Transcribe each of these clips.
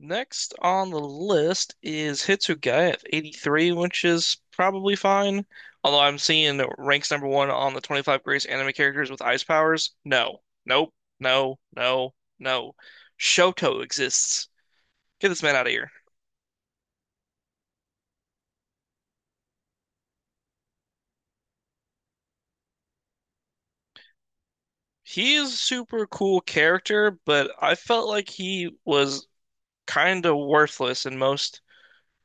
Next on the list is Hitsugai at 83, which is probably fine. Although I'm seeing it ranks number one on the 25 greatest anime characters with ice powers. No. Nope. No. No. No. Shoto exists. Get this man out of here. He is a super cool character, but I felt like he was kind of worthless in most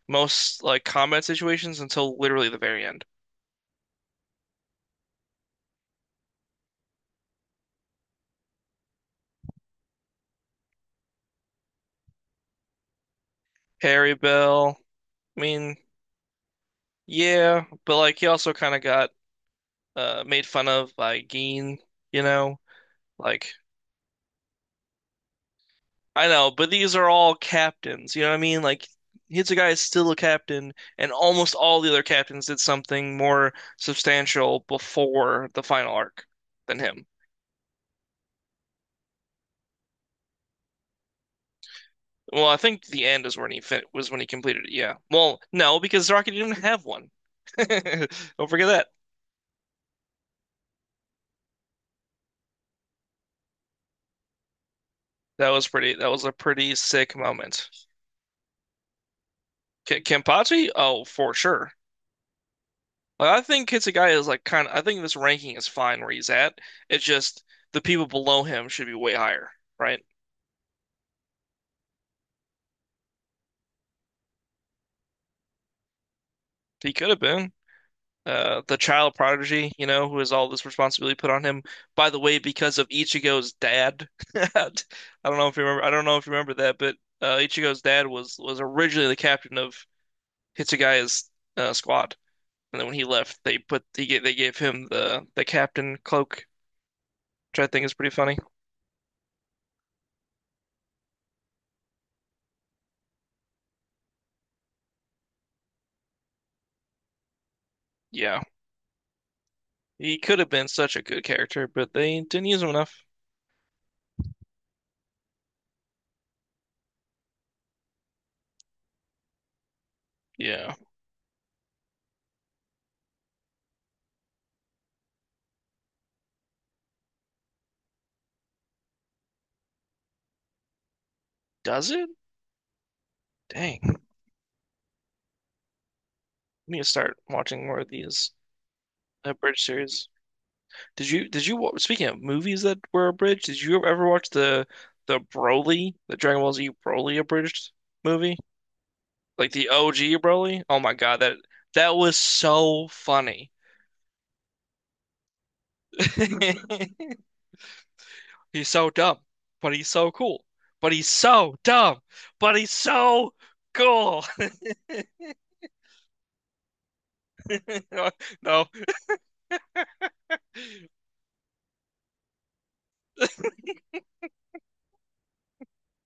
most like combat situations until literally the very end. Harry Bell. I mean, yeah, but like he also kind of got made fun of by Geen, you know? Like, I know, but these are all captains, you know what I mean? Like, Hitsugai is still a captain, and almost all the other captains did something more substantial before the final arc than him. Well, I think the end is when he fin was when he completed it. Yeah. Well, no, because Rocket didn't have one. Don't forget that. That was pretty. That was a pretty sick moment. K Kenpachi? Oh, for sure. Like, I think Hitsugaya is I think this ranking is fine where he's at. It's just the people below him should be way higher, right? He could have been the child prodigy, you know, who has all this responsibility put on him. By the way, because of Ichigo's dad, I don't know if you remember. I don't know if you remember that, but Ichigo's dad was originally the captain of Hitsugaya's squad, and then when he left, they gave him the captain cloak, which I think is pretty funny. Yeah. He could have been such a good character, but they didn't use him enough. Yeah. Does it? Dang. I need to start watching more of these abridged series. Speaking of movies that were abridged, did you ever watch the Broly, the Dragon Ball Z Broly abridged movie? Like the OG Broly? Oh my God, that was so funny. He's so dumb, but he's so cool. But he's so dumb, but he's so cool. No,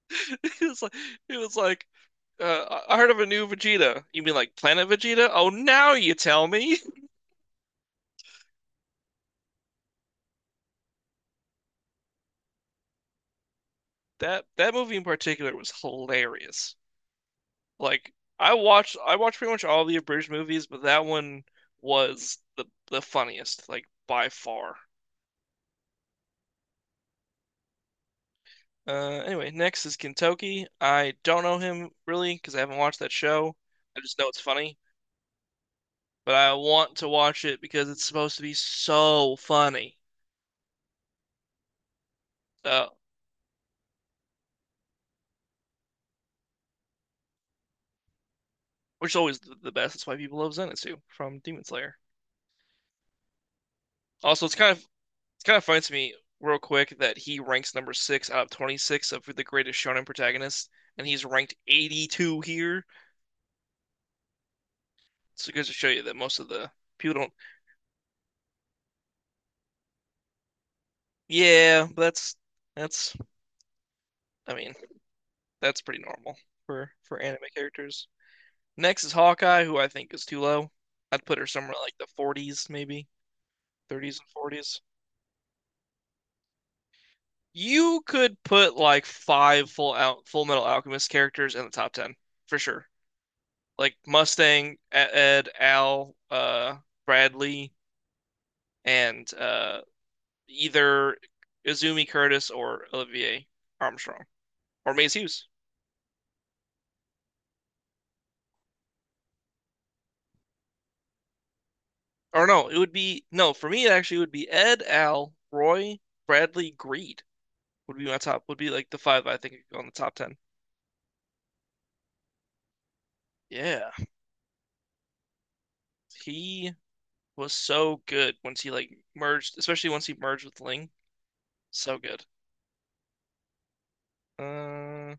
It was like it was like uh, I heard of a new Vegeta. You mean like Planet Vegeta? Oh, now you tell me. That movie in particular was hilarious. Like I watched pretty much all the abridged movies, but that one was the funniest, like by far. Anyway, next is Kentucky. I don't know him really because I haven't watched that show. I just know it's funny, but I want to watch it because it's supposed to be so funny. Uh, which is always the best. That's why people love Zenitsu from Demon Slayer. Also, it's kind of funny to me, real quick, that he ranks number six out of 26 of the greatest shonen protagonists, and he's ranked 82 here. So it goes to show you that most of the people don't. Yeah, that's that's. I mean, that's pretty normal for anime characters. Next is Hawkeye, who I think is too low. I'd put her somewhere like the 40s, maybe 30s and 40s. You could put like five full out Full Metal Alchemist characters in the top 10 for sure. Like Mustang, E- Ed, Al, Bradley, and either Izumi Curtis or Olivier Armstrong or Maze Hughes. Or no, it would be no for me. It actually would be Ed, Al, Roy, Bradley, Greed would be my top. Would be like the five I think on the top 10. Yeah, he was so good once he like merged, especially once he merged with Ling. So good. Uh,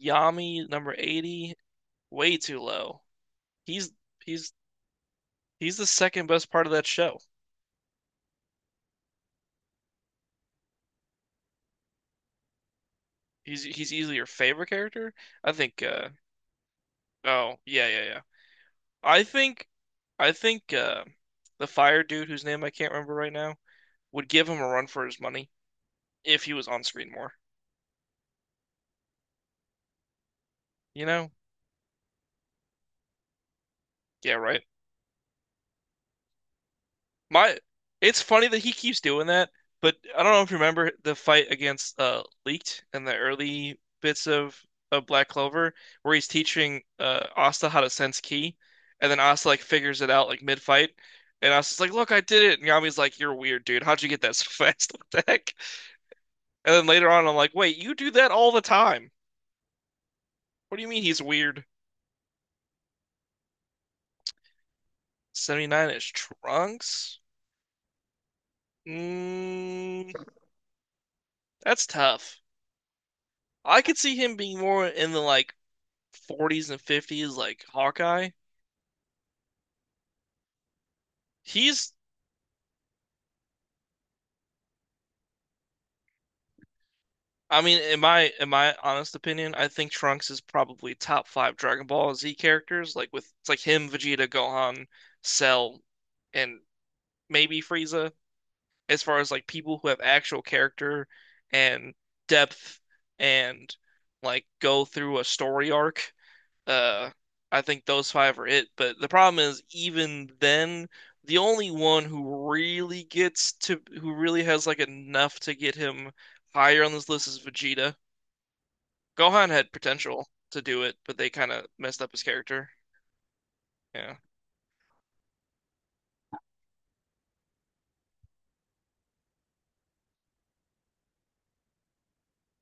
Yami number 80, way too low. He's he's he's the second best part of that show. He's easily your favorite character. I think uh Oh, yeah, yeah, yeah. I think I think the fire dude whose name I can't remember right now would give him a run for his money if he was on screen more. You know? Yeah, right. My, it's funny that he keeps doing that, but I don't know if you remember the fight against Leaked in the early bits of Black Clover, where he's teaching Asta how to sense ki, and then Asta like figures it out like mid fight, and Asta's like, "Look, I did it," and Yami's like, "You're weird, dude. How'd you get that so fast? What the heck?" And then later on, I'm like, "Wait, you do that all the time? What do you mean he's weird?" 79 is Trunks? Mm, that's tough. I could see him being more in the like 40s and 50s like Hawkeye. He's I mean, in my honest opinion, I think Trunks is probably top five Dragon Ball Z characters. Like with it's like him, Vegeta, Gohan, Cell, and maybe Frieza. As far as like people who have actual character and depth and like go through a story arc, Uh, I think those five are it. But the problem is, even then, the only one who really gets to, who really has like enough to get him higher on this list is Vegeta. Gohan had potential to do it, but they kind of messed up his character. Yeah.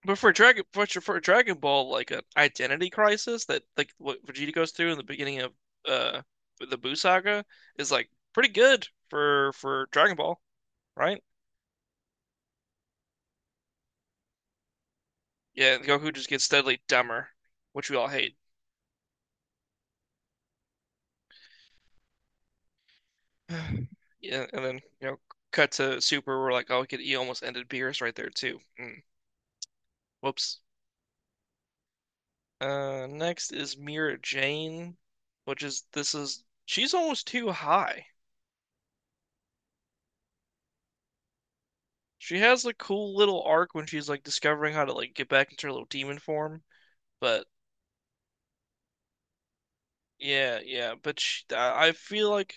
But for Dragon Ball, like an identity crisis that like what Vegeta goes through in the beginning of uh the Buu saga is like pretty good for Dragon Ball, right? Yeah, Goku just gets steadily dumber, which we all hate. Yeah, and then you know, cut to Super. We're like, oh, he almost ended Beerus right there too. Mm. Whoops. Next is Mira Jane, which is she's almost too high. She has a cool little arc when she's like discovering how to like get back into her little demon form. But yeah, yeah. But I feel like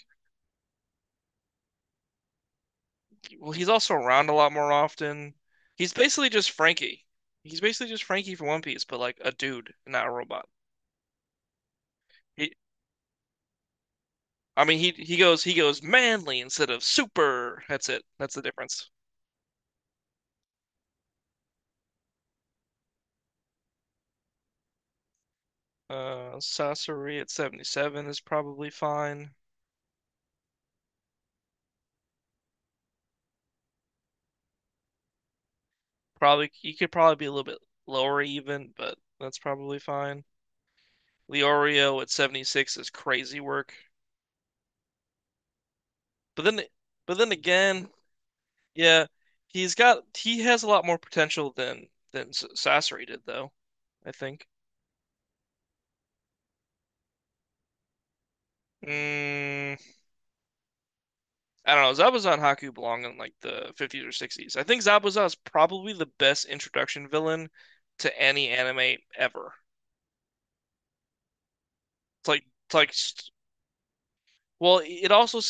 well, he's also around a lot more often. He's basically just Frankie. He's basically just Frankie from One Piece, but like a dude, not a robot. He, I mean, he goes manly instead of super. That's it. That's the difference. Sasori at 77 is probably fine. Probably He could probably be a little bit lower even, but that's probably fine. Leorio at 76 is crazy work. But then but then again, yeah, he has a lot more potential than S- Sasori did though, I think. Mm, I don't know. Zabuza and Haku belong in like the 50s or 60s. I think Zabuza is probably the best introduction villain to any anime ever. It's like, it's like, well,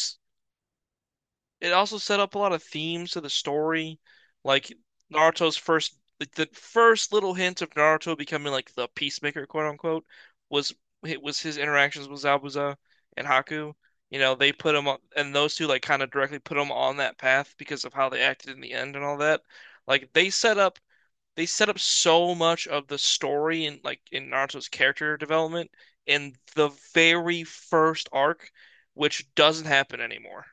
it also set up a lot of themes to the story, like Naruto's first, like the first little hint of Naruto becoming like the peacemaker, quote unquote, was it was his interactions with Zabuza and Haku. You know, they put him on, and those two like kind of directly put him on that path because of how they acted in the end and all that. Like they set up, they set up so much of the story and like in Naruto's character development in the very first arc, which doesn't happen anymore.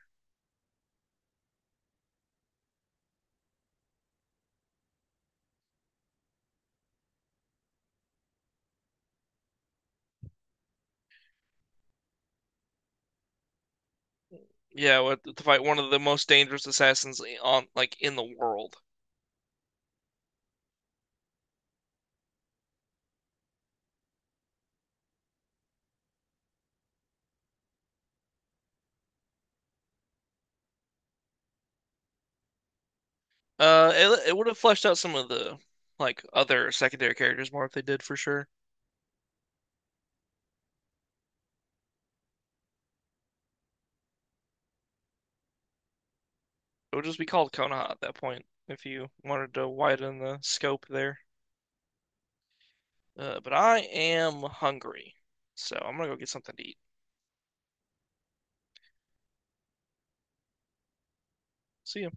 Yeah, with- to fight one of the most dangerous assassins on like in the world. It would have fleshed out some of the like other secondary characters more if they did for sure. It would just be called Konoha at that point if you wanted to widen the scope there. But I am hungry, so I'm gonna go get something to eat. See ya.